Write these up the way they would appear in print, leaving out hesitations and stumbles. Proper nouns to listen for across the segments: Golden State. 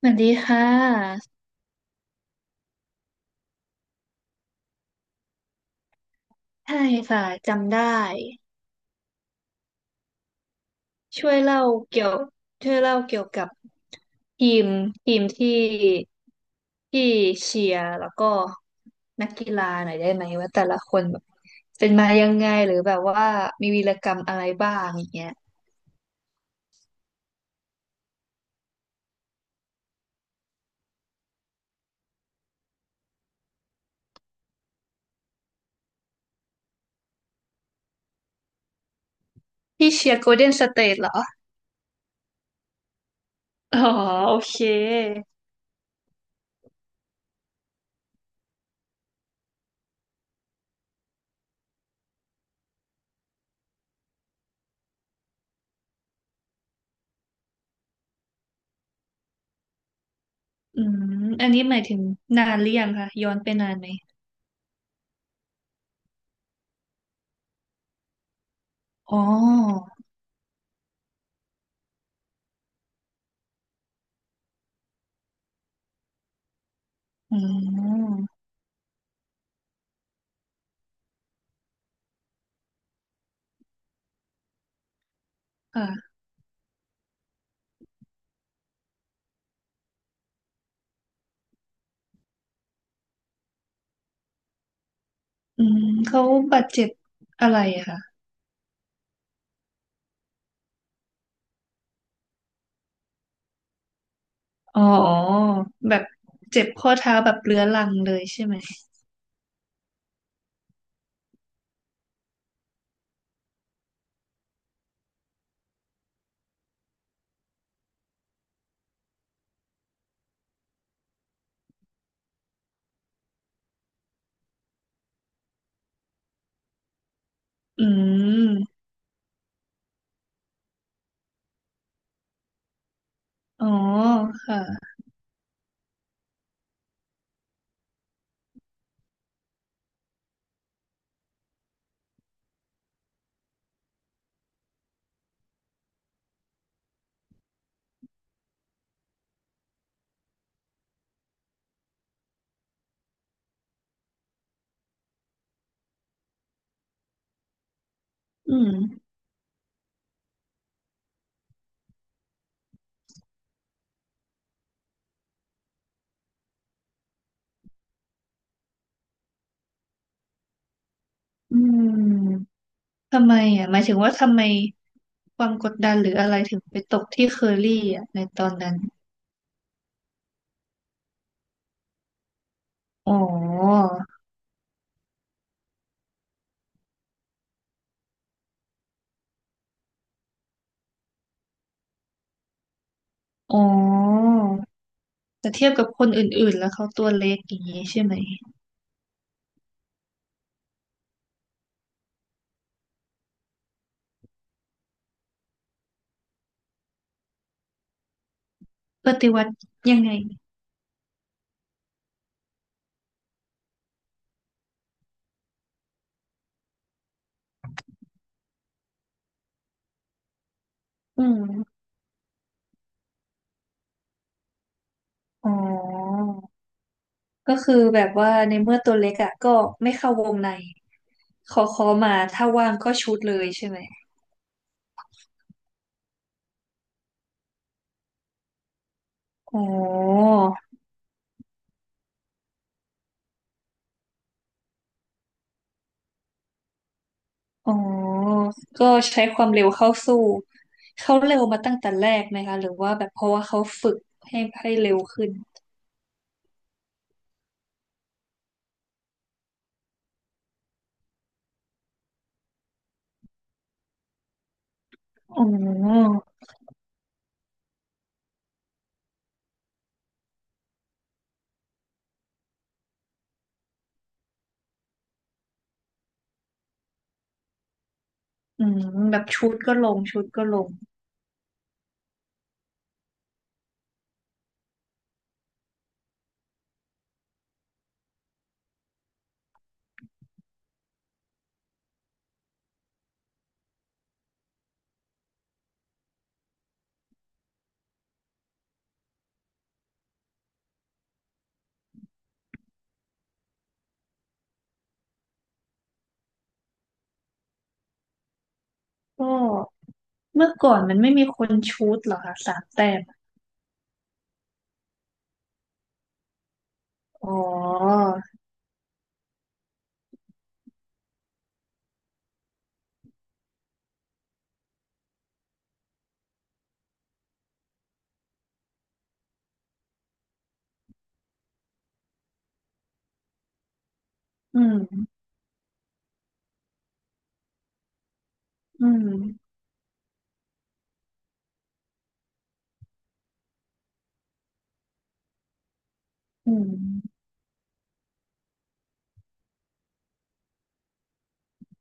สวัสดีค่ะใช่ค่ะจำได้ช่วยเล่าเกี่ยวช่วยเล่าเกี่ยวกับทีมทีมที่ที่เชียร์แล้วก็นักกีฬาหน่อยได้ไหมว่าแต่ละคนแบบเป็นมายังไงหรือแบบว่ามีวีรกรรมอะไรบ้างอย่างเงี้ยพี่เชียร์โกลเด้นสเตทเหรออ๋อโอเคอืมอันนี้หมายถึงนานหรือยังคะย้อนไปนานไหมอ๋ออืมค่ะ อืมเขาบาดเจ็บอะไรอะคะอ๋อแบบเจ็บข้อเท้าแบบเรื้อรังเลยใช่ไหมอืมอ๋อค่ะ อืมอืมทำไมอ่ะหมายถึงว่าทำไมความกดดันหรืออะไรถึงไปตกที่เคอรี่อ่ะในตอนนั้น อ๋อ อ๋อแต่เทียบกับคนอื่นๆแล้วเขาตัวเล็กอย่างนี้ใช่ไหมปฏิวัติยังไงอืมอ๋อ ก็คือแบบว่าในเมื่อตัวเล็กอ่ะก็ไม่เข้าวงในขอมาถ้าว่างก็ชุดเลยใช่ไหมอ๋ออ๋อก็ใช้ความเร็วเข้าสู้เขาเร็วมาตั้งแต่แรกไหมคะหรือว่าแบบเพราะว่าเขาฝึกให้เร็วขึ้นอ๋ออืมแบบชุดก็ลงชุดก็ลงก็เมื่อก่อนมันไม่มีคนชุดเหรอคะสามแต้มอ๋ออืมอืมอืม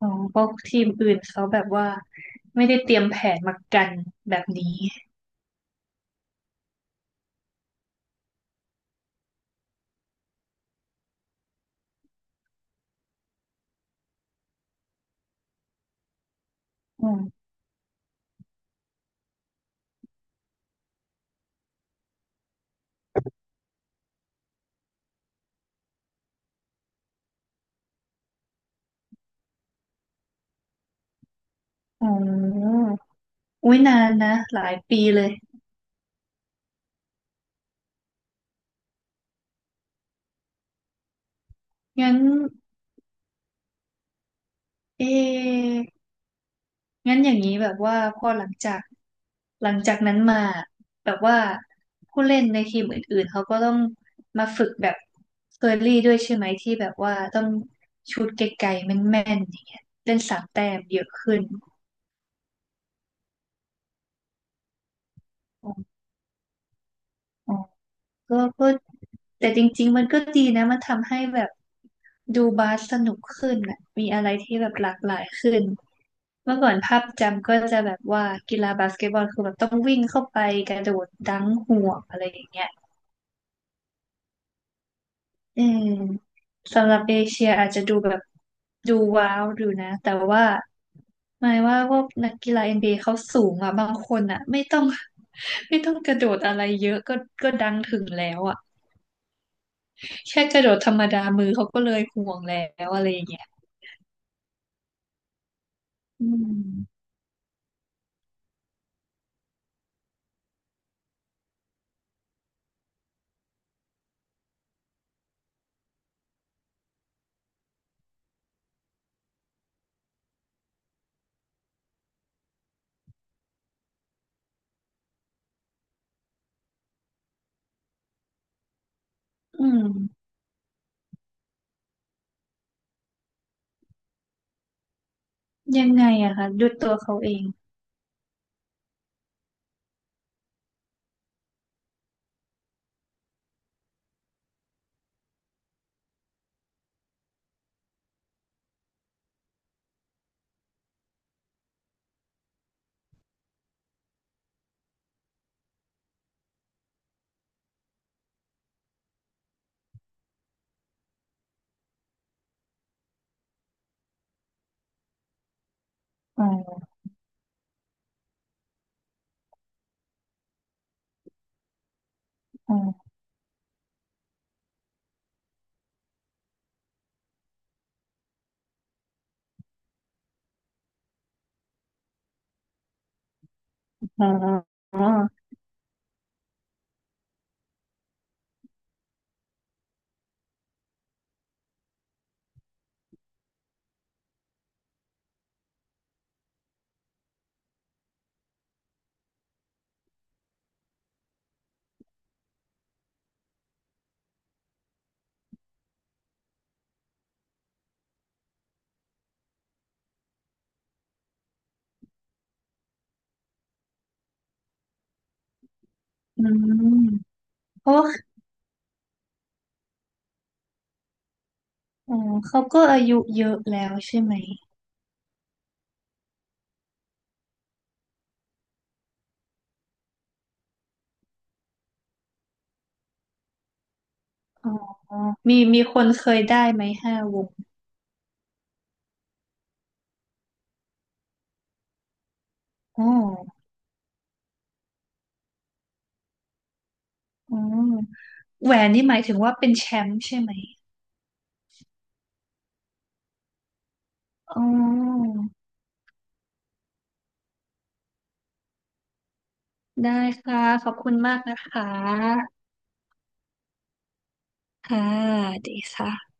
อ๋อเพราะทีมอื่นเขาแบบว่าไม่ได้เตรียมแผนมากันแบบนี้อืมอ๋ออุ้ยนานนะหลายปีเลย งั้นเองั้นอย่างนี้แบบว่าพอหลังจากนั้นมาแบบว่าผู้เล่นในทีมอื่นๆเขาก็ต้องมาฝึกแบบเคอรี่ด้วยใช่ไหมที่แบบว่าต้องชูตไกลๆแม่นๆอย่างเงี้ยเล่นสามแต้มเยอะขึ้นอ๋อ ก็แต่จริงๆมันก็ดีนะมันทำให้แบบดูบาสสนุกขึ้นอ่ะมีอะไรที่แบบหลากหลายขึ้นเมื่อก่อนภาพจำก็จะแบบว่ากีฬาบาสเกตบอลคือแบบต้องวิ่งเข้าไปกระโดดดังห่วงอะไรอย่างเงี้ยอืมสำหรับเอเชียอาจจะดูแบบดูว้าวดูนะแต่ว่าหมายว่าพวกนักกีฬา n บ a เอเขาสูงอ่ะบางคนอ่ะไม่ต้อง ไม่ต้องกระโดดอะไรเยอะก็ดังถึงแล้วอ่ะ แค่กระโดดธรรมดามือเขาก็เลยห่วงแล้วอะไรอย่างเงี้ยอืมอืมยังไงอะคะดูตัวเขาเองอ๋ออ๋ออ๋ออ๋ออืมเพราะว่าอ๋อเขาก็อายุเยอะแล้วใช่ไหมอ๋อมีคนเคยได้ไหมห้าวงอ๋ออ๋อแหวนนี่หมายถึงว่าเป็นแชมป์ใช่ไหมอ๋อได้ค่ะขอบคุณมากนะคะค่ะดีค่ะ